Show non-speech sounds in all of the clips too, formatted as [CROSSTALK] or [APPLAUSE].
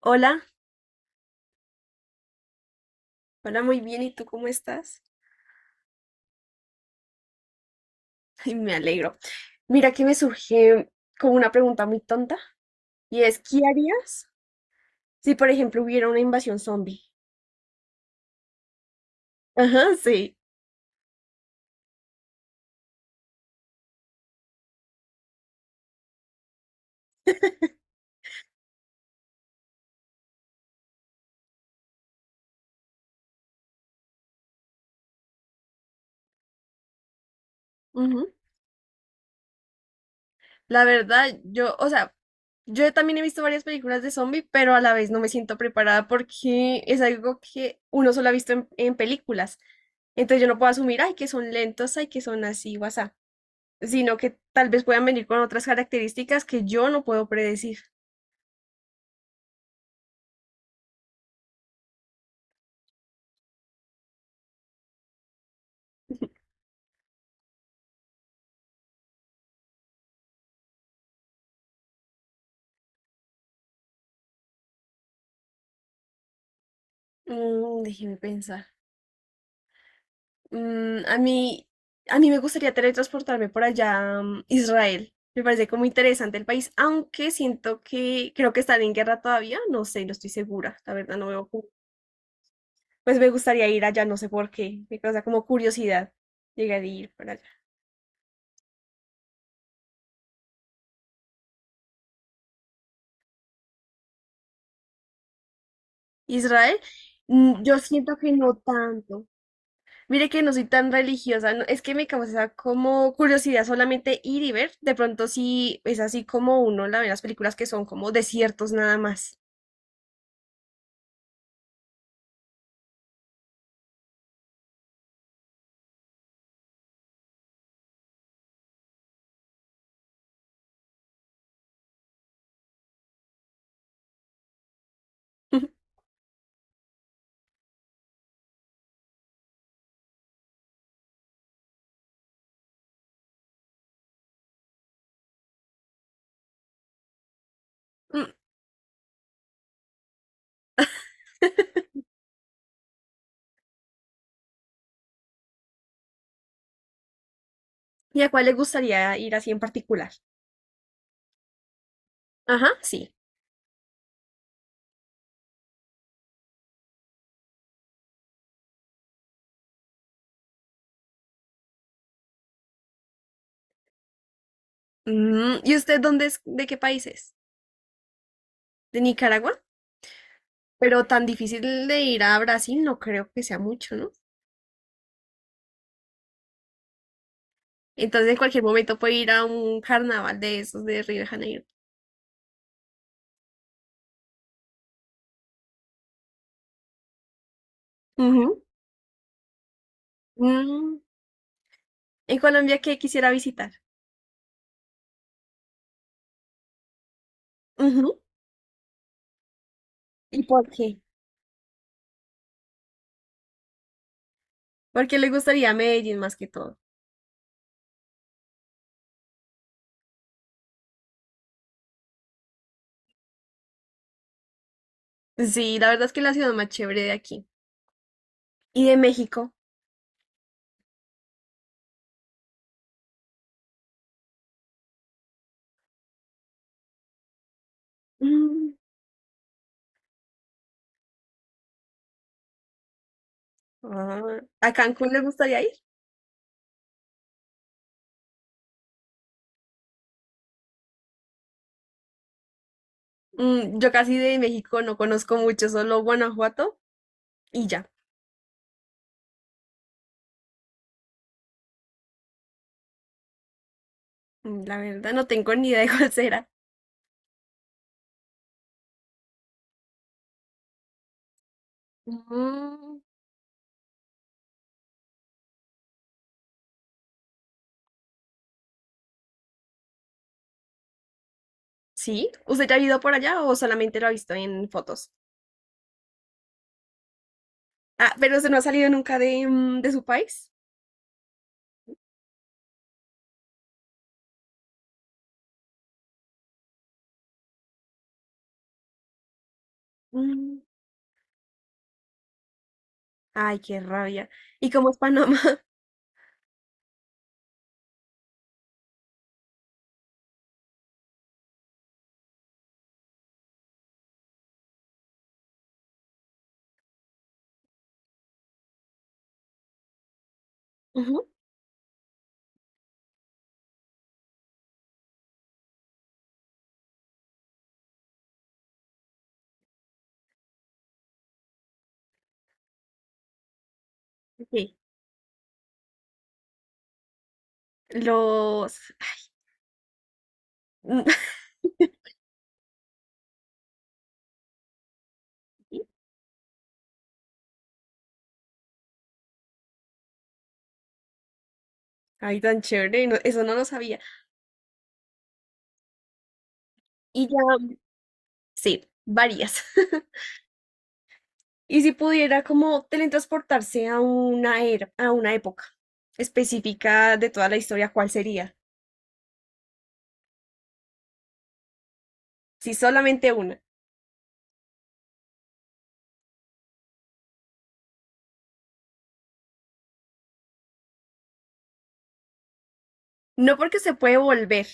Hola, hola, muy bien. ¿Y tú cómo estás? [LAUGHS] Ay, me alegro. Mira que me surge como una pregunta muy tonta y es, ¿qué harías si, por ejemplo, hubiera una invasión zombie? [LAUGHS] Ajá, sí. Ujú. La verdad, yo, o sea, yo también he visto varias películas de zombie, pero a la vez no me siento preparada porque es algo que uno solo ha visto en películas. Entonces yo no puedo asumir, ay, que son lentos, ay, que son así, guasá, sino que tal vez puedan venir con otras características que yo no puedo predecir. Déjeme pensar. Mm, a mí, a mí me gustaría teletransportarme por allá, Israel. Me parece como interesante el país, aunque siento que creo que están en guerra todavía. No sé, no estoy segura. La verdad, no veo. Pues me gustaría ir allá, no sé por qué. Me causa como curiosidad llegar a ir para allá. Israel, yo siento que no tanto. Mire que no soy tan religiosa, es que me causa como curiosidad solamente ir y ver. De pronto sí es así como uno la ve en las películas que son como desiertos nada más. [LAUGHS] Mm, ¿y a cuál le gustaría ir así en particular? Ajá, sí. ¿Y usted dónde es? ¿De qué país es? ¿De Nicaragua? Pero tan difícil de ir a Brasil no creo que sea mucho, ¿no? Entonces, en cualquier momento puedo ir a un carnaval de esos de Río de Janeiro. Ujú. Mm, En Colombia, ¿qué quisiera visitar? Ujú. ¿Y por qué? Porque le gustaría Medellín más que todo. Sí, la verdad es que es la ciudad más chévere de aquí. ¿Y de México? Mm, ah, ¿a Cancún le gustaría ir? Yo casi de México no conozco mucho, solo Guanajuato y ya. La verdad no tengo ni idea de cuál será. Mm, ¿Sí? ¿Usted ya ha ido por allá o solamente lo ha visto en fotos? Ah, pero usted no ha salido nunca de, de su país. Mm, Ay, qué rabia. ¿Y cómo es Panamá? [LAUGHS] Ujú, sí. Los... [LAUGHS] Ay, tan chévere, eso no lo sabía. Y ya, sí, varias. [LAUGHS] Y si pudiera como teletransportarse a una era, a una época específica de toda la historia, ¿cuál sería? Si solamente una. No porque se puede volver.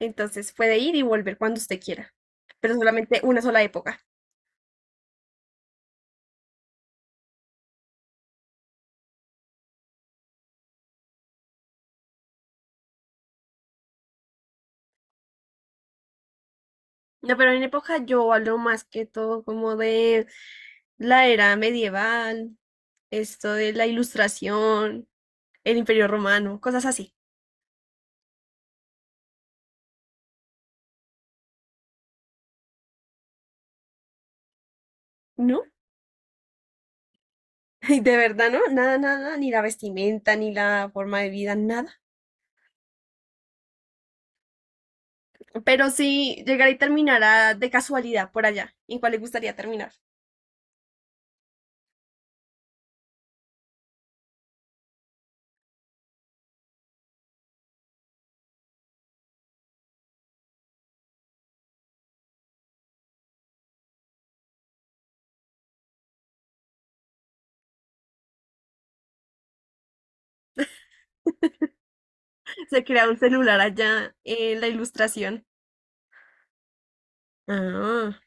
Entonces puede ir y volver cuando usted quiera, pero solamente una sola época. No, pero en época yo hablo más que todo como de la era medieval, esto de la ilustración, el imperio romano, cosas así. ¿No? [LAUGHS] De verdad, ¿no? Nada, nada, ni la vestimenta, ni la forma de vida, nada. Pero sí, llegar y terminar de casualidad por allá. ¿En cuál le gustaría terminar? [LAUGHS] Se crea un celular allá en la ilustración. Ah,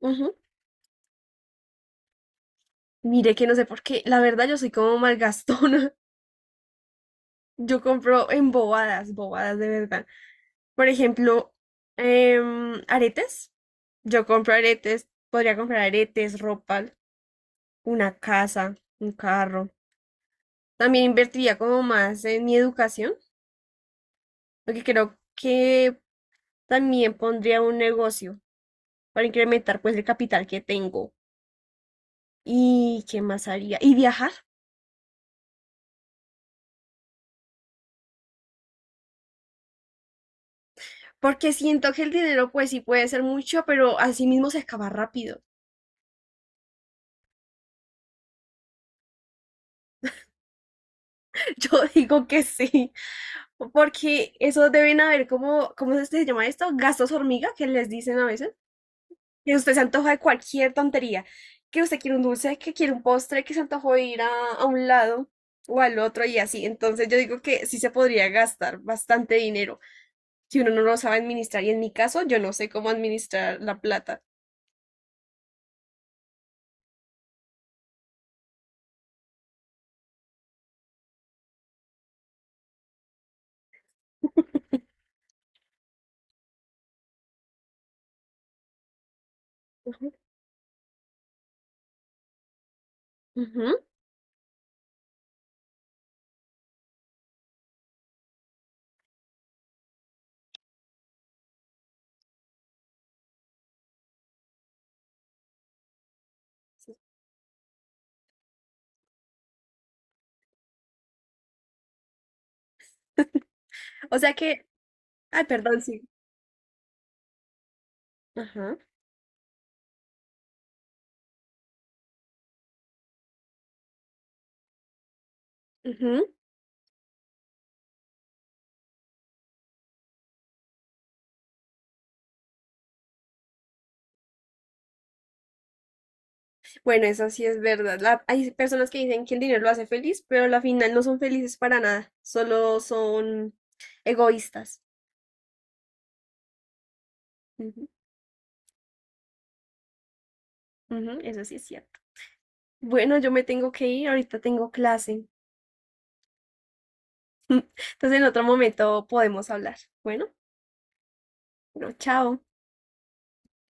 ujú. Mire que no sé por qué. La verdad, yo soy como malgastona. [LAUGHS] Yo compro en bobadas, bobadas de verdad. Por ejemplo, aretes. Yo compro aretes. Podría comprar aretes, ropa, una casa, un carro. También invertiría como más en mi educación, porque creo que también pondría un negocio para incrementar pues el capital que tengo. ¿Y qué más haría? ¿Y viajar? Porque siento que el dinero, pues sí puede ser mucho, pero así mismo se acaba rápido. [LAUGHS] Yo digo que sí, porque eso deben haber como, ¿cómo es que se llama esto? Gastos hormiga, que les dicen a veces, que usted se antoja de cualquier tontería, que usted quiere un dulce, que quiere un postre, que se antojó de ir a un lado o al otro y así. Entonces yo digo que sí se podría gastar bastante dinero si uno no lo sabe administrar. Y en mi caso, yo no sé cómo administrar la plata. Ujú, ujú. O sea que, ay, perdón, sí. Ajá. Ujú. Bueno, eso sí es verdad. Hay personas que dicen que el dinero lo hace feliz, pero a la final no son felices para nada, solo son egoístas. Ujú, ujú, eso sí es cierto. Bueno, yo me tengo que ir, ahorita tengo clase. [LAUGHS] Entonces en otro momento podemos hablar. Bueno, bueno, chao.